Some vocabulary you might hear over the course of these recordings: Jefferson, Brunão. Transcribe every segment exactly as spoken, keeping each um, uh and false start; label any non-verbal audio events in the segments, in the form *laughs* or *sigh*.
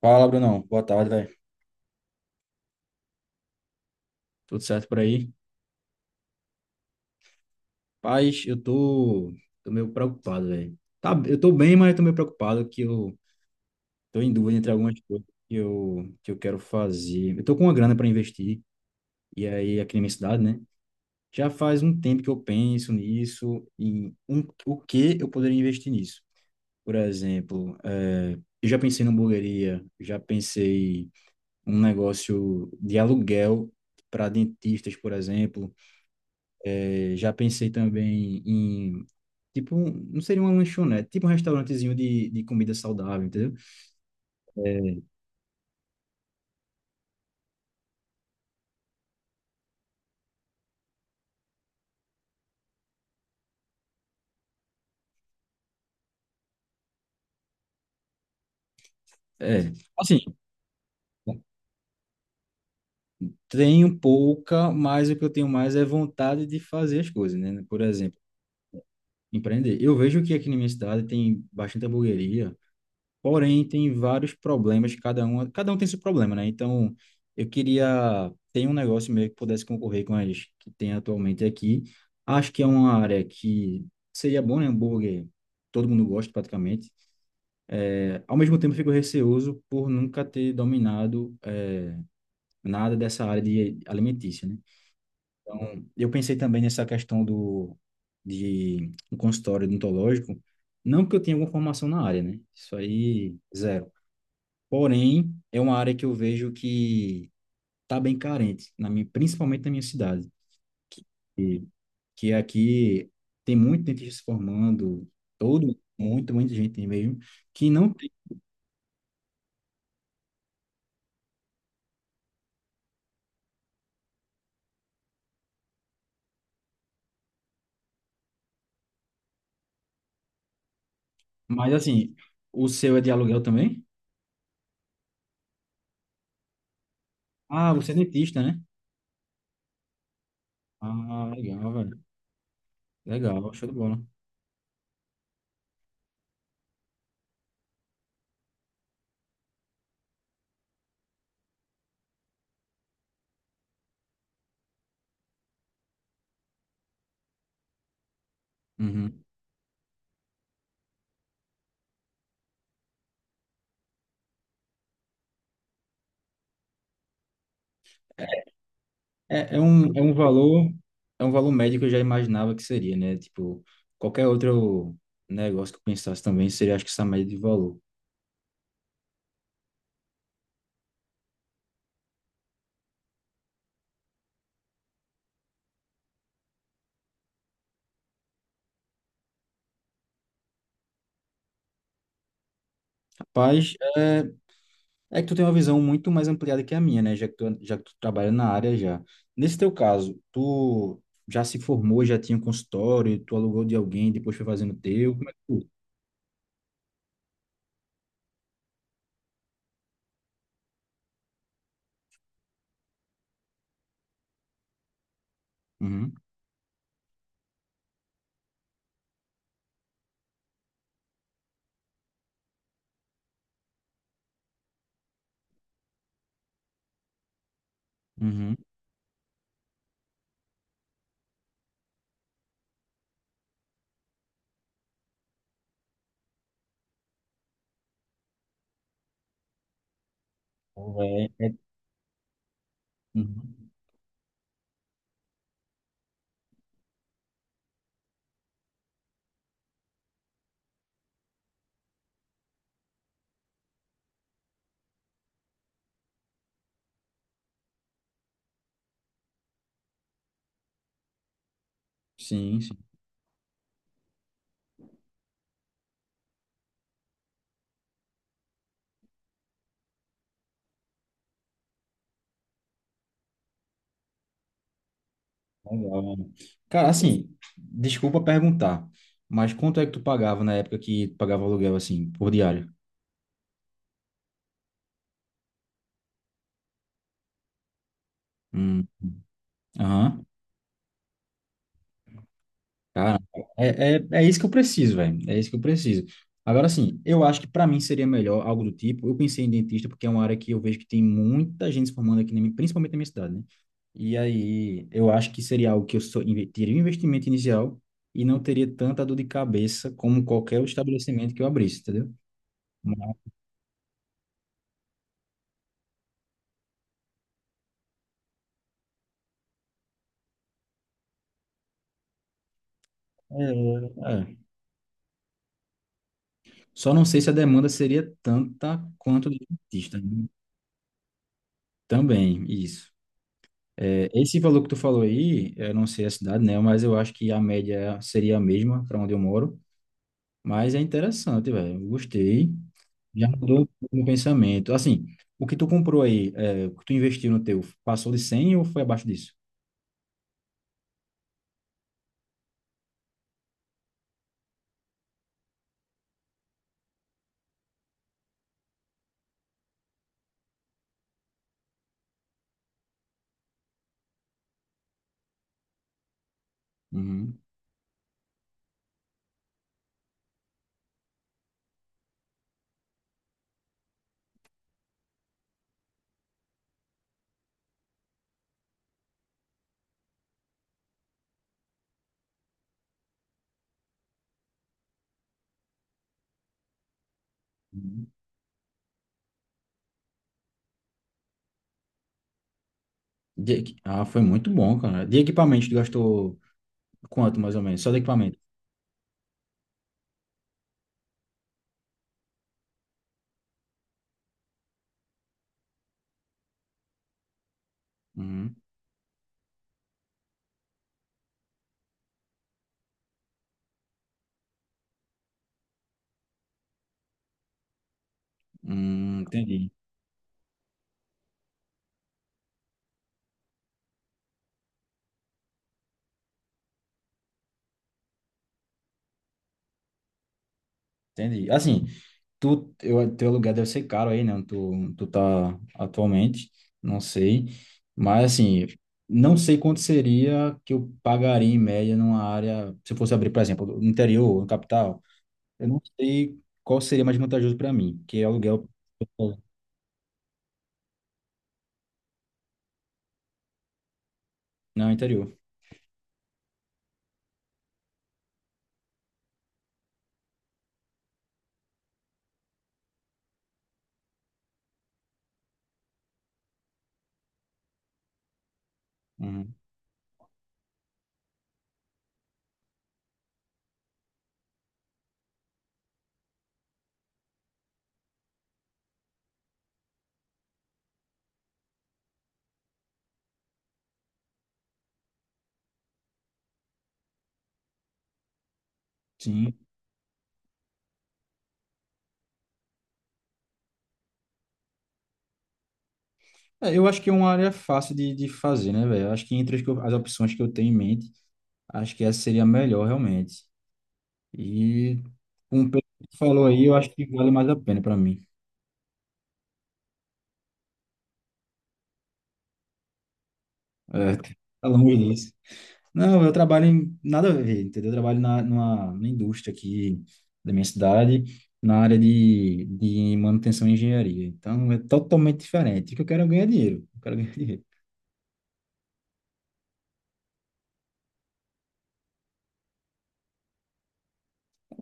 Fala, Brunão. Boa tarde, velho. Tudo certo por aí? Paz, eu tô, tô meio preocupado, velho. Tá, eu tô bem, mas eu tô meio preocupado que eu tô em dúvida entre algumas coisas que eu, que eu quero fazer. Eu tô com uma grana para investir, e aí aqui na minha cidade, né? Já faz um tempo que eu penso nisso e um, o que eu poderia investir nisso. Por exemplo, eh, eu já pensei numa hamburgueria, já pensei em um negócio de aluguel para dentistas, por exemplo. É, já pensei também em, tipo, um- não seria uma lanchonete, tipo um restaurantezinho de, de comida saudável, entendeu? É, é, assim, tenho pouca, mas o que eu tenho mais é vontade de fazer as coisas, né? Por exemplo, empreender. Eu vejo que aqui na minha cidade tem bastante hamburgueria, porém, tem vários problemas, cada um, cada um tem seu problema, né? Então, eu queria ter um negócio meio que pudesse concorrer com as que tem atualmente aqui. Acho que é uma área que seria bom, né? Hambúrguer, todo mundo gosta praticamente. É, ao mesmo tempo, eu fico receoso por nunca ter dominado é, nada dessa área de alimentícia, né? Então, eu pensei também nessa questão do de um consultório odontológico, não que eu tenha alguma formação na área, né? Isso aí, zero. Porém, é uma área que eu vejo que está bem carente, na minha, principalmente na minha cidade, e que é aqui tem muito dentista se formando, todo, muito, muita gente tem mesmo, que não tem. Mas assim, o seu é de aluguel também? Ah, você é dentista, né? Ah, legal, velho. Legal, show de bola. Uhum. É, é um, é um valor, é um valor médio que eu já imaginava que seria, né? Tipo, qualquer outro negócio que eu pensasse também seria, acho que essa média de valor. Rapaz, é que tu tem uma visão muito mais ampliada que a minha, né? Já que tu, já que tu trabalha na área já. Nesse teu caso, tu já se formou, já tinha um consultório, tu alugou de alguém, depois foi fazendo o teu. Como é que tu? Uhum, uhum. É, é- uhum. Sim, sim. Legal, né? Cara, assim, desculpa perguntar, mas quanto é que tu pagava na época que tu pagava aluguel, assim, por diário? Hum, Aham. Cara, é, é, é isso que eu preciso, velho. É isso que eu preciso. Agora, assim, eu acho que para mim seria melhor algo do tipo. Eu pensei em dentista porque é uma área que eu vejo que tem muita gente se formando aqui, na minha- principalmente na minha cidade, né? E aí, eu acho que seria algo que eu só inve- teria um investimento inicial e não teria tanta dor de cabeça como qualquer estabelecimento que eu abrisse, entendeu? Mas, é, é. Só não sei se a demanda seria tanta quanto de dentista, né? Também, isso. É, esse valor que tu falou aí, eu não sei a cidade, né? Mas eu acho que a média seria a mesma para onde eu moro. Mas é interessante, velho. Eu gostei. Já mudou o meu pensamento. Assim, o que tu comprou aí, é, o que tu investiu no teu, passou de cem ou foi abaixo disso? Uhum. Uhum. De equi- ah, foi muito bom, cara. De equipamento, tu gastou quanto mais ou menos? Só de equipamento? Uhum. Hum, entendi. Entendi. Assim, Tu, eu, teu aluguel deve ser caro aí, né? Onde Tu, tu tá atualmente, não sei. Mas, assim, não sei quanto seria que eu pagaria em média numa área, se eu fosse abrir, por exemplo, no interior, no capital. Eu não sei qual seria mais vantajoso para mim, que é aluguel no interior. Uhum. Sim. É, eu acho que é uma área fácil de, de fazer, né, velho? Acho que entre as, que eu- as opções que eu tenho em mente, acho que essa seria a melhor, realmente. E, como o Pedro falou aí, eu acho que vale mais a pena para mim. É, tá longe disso. Não, eu trabalho em nada a ver, entendeu? Eu trabalho na, numa, numa indústria aqui da minha cidade, na área de, de manutenção e engenharia. Então, é totalmente diferente. O que eu quero é ganhar dinheiro. Eu quero ganhar *laughs* dinheiro.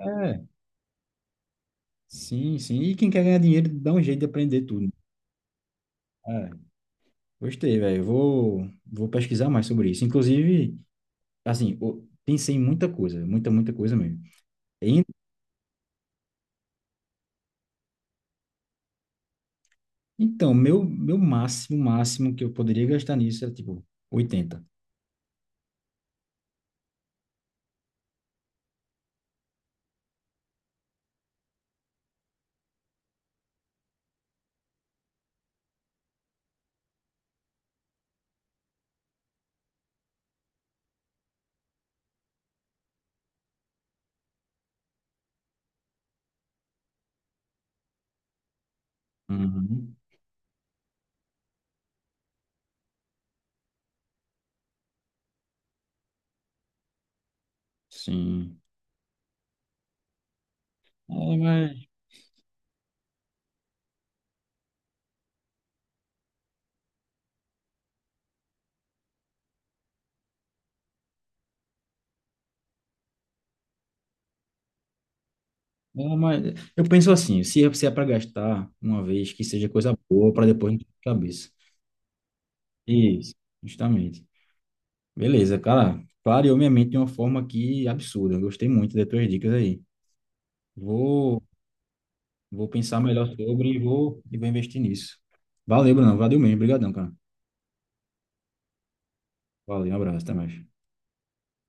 É, sim, sim. E quem quer ganhar dinheiro, dá um jeito de aprender tudo. É, gostei, velho. Eu Vou, vou pesquisar mais sobre isso. Inclusive, assim, eu pensei em muita coisa, muita, muita coisa mesmo. E- Então, meu, meu máximo, máximo que eu poderia gastar nisso era, tipo, oitenta. Uhum, sim. É, mas, é, mas eu penso assim, se, é, se é para gastar uma vez, que seja coisa boa para depois não ter cabeça. Isso, justamente. Beleza, cara. Clareou minha mente de uma forma que absurda. Eu gostei muito das tuas dicas aí. Vou, vou pensar melhor sobre e vou, e vou investir nisso. Valeu, Bruno. Valeu mesmo. Obrigadão, cara. Valeu, um abraço, até mais.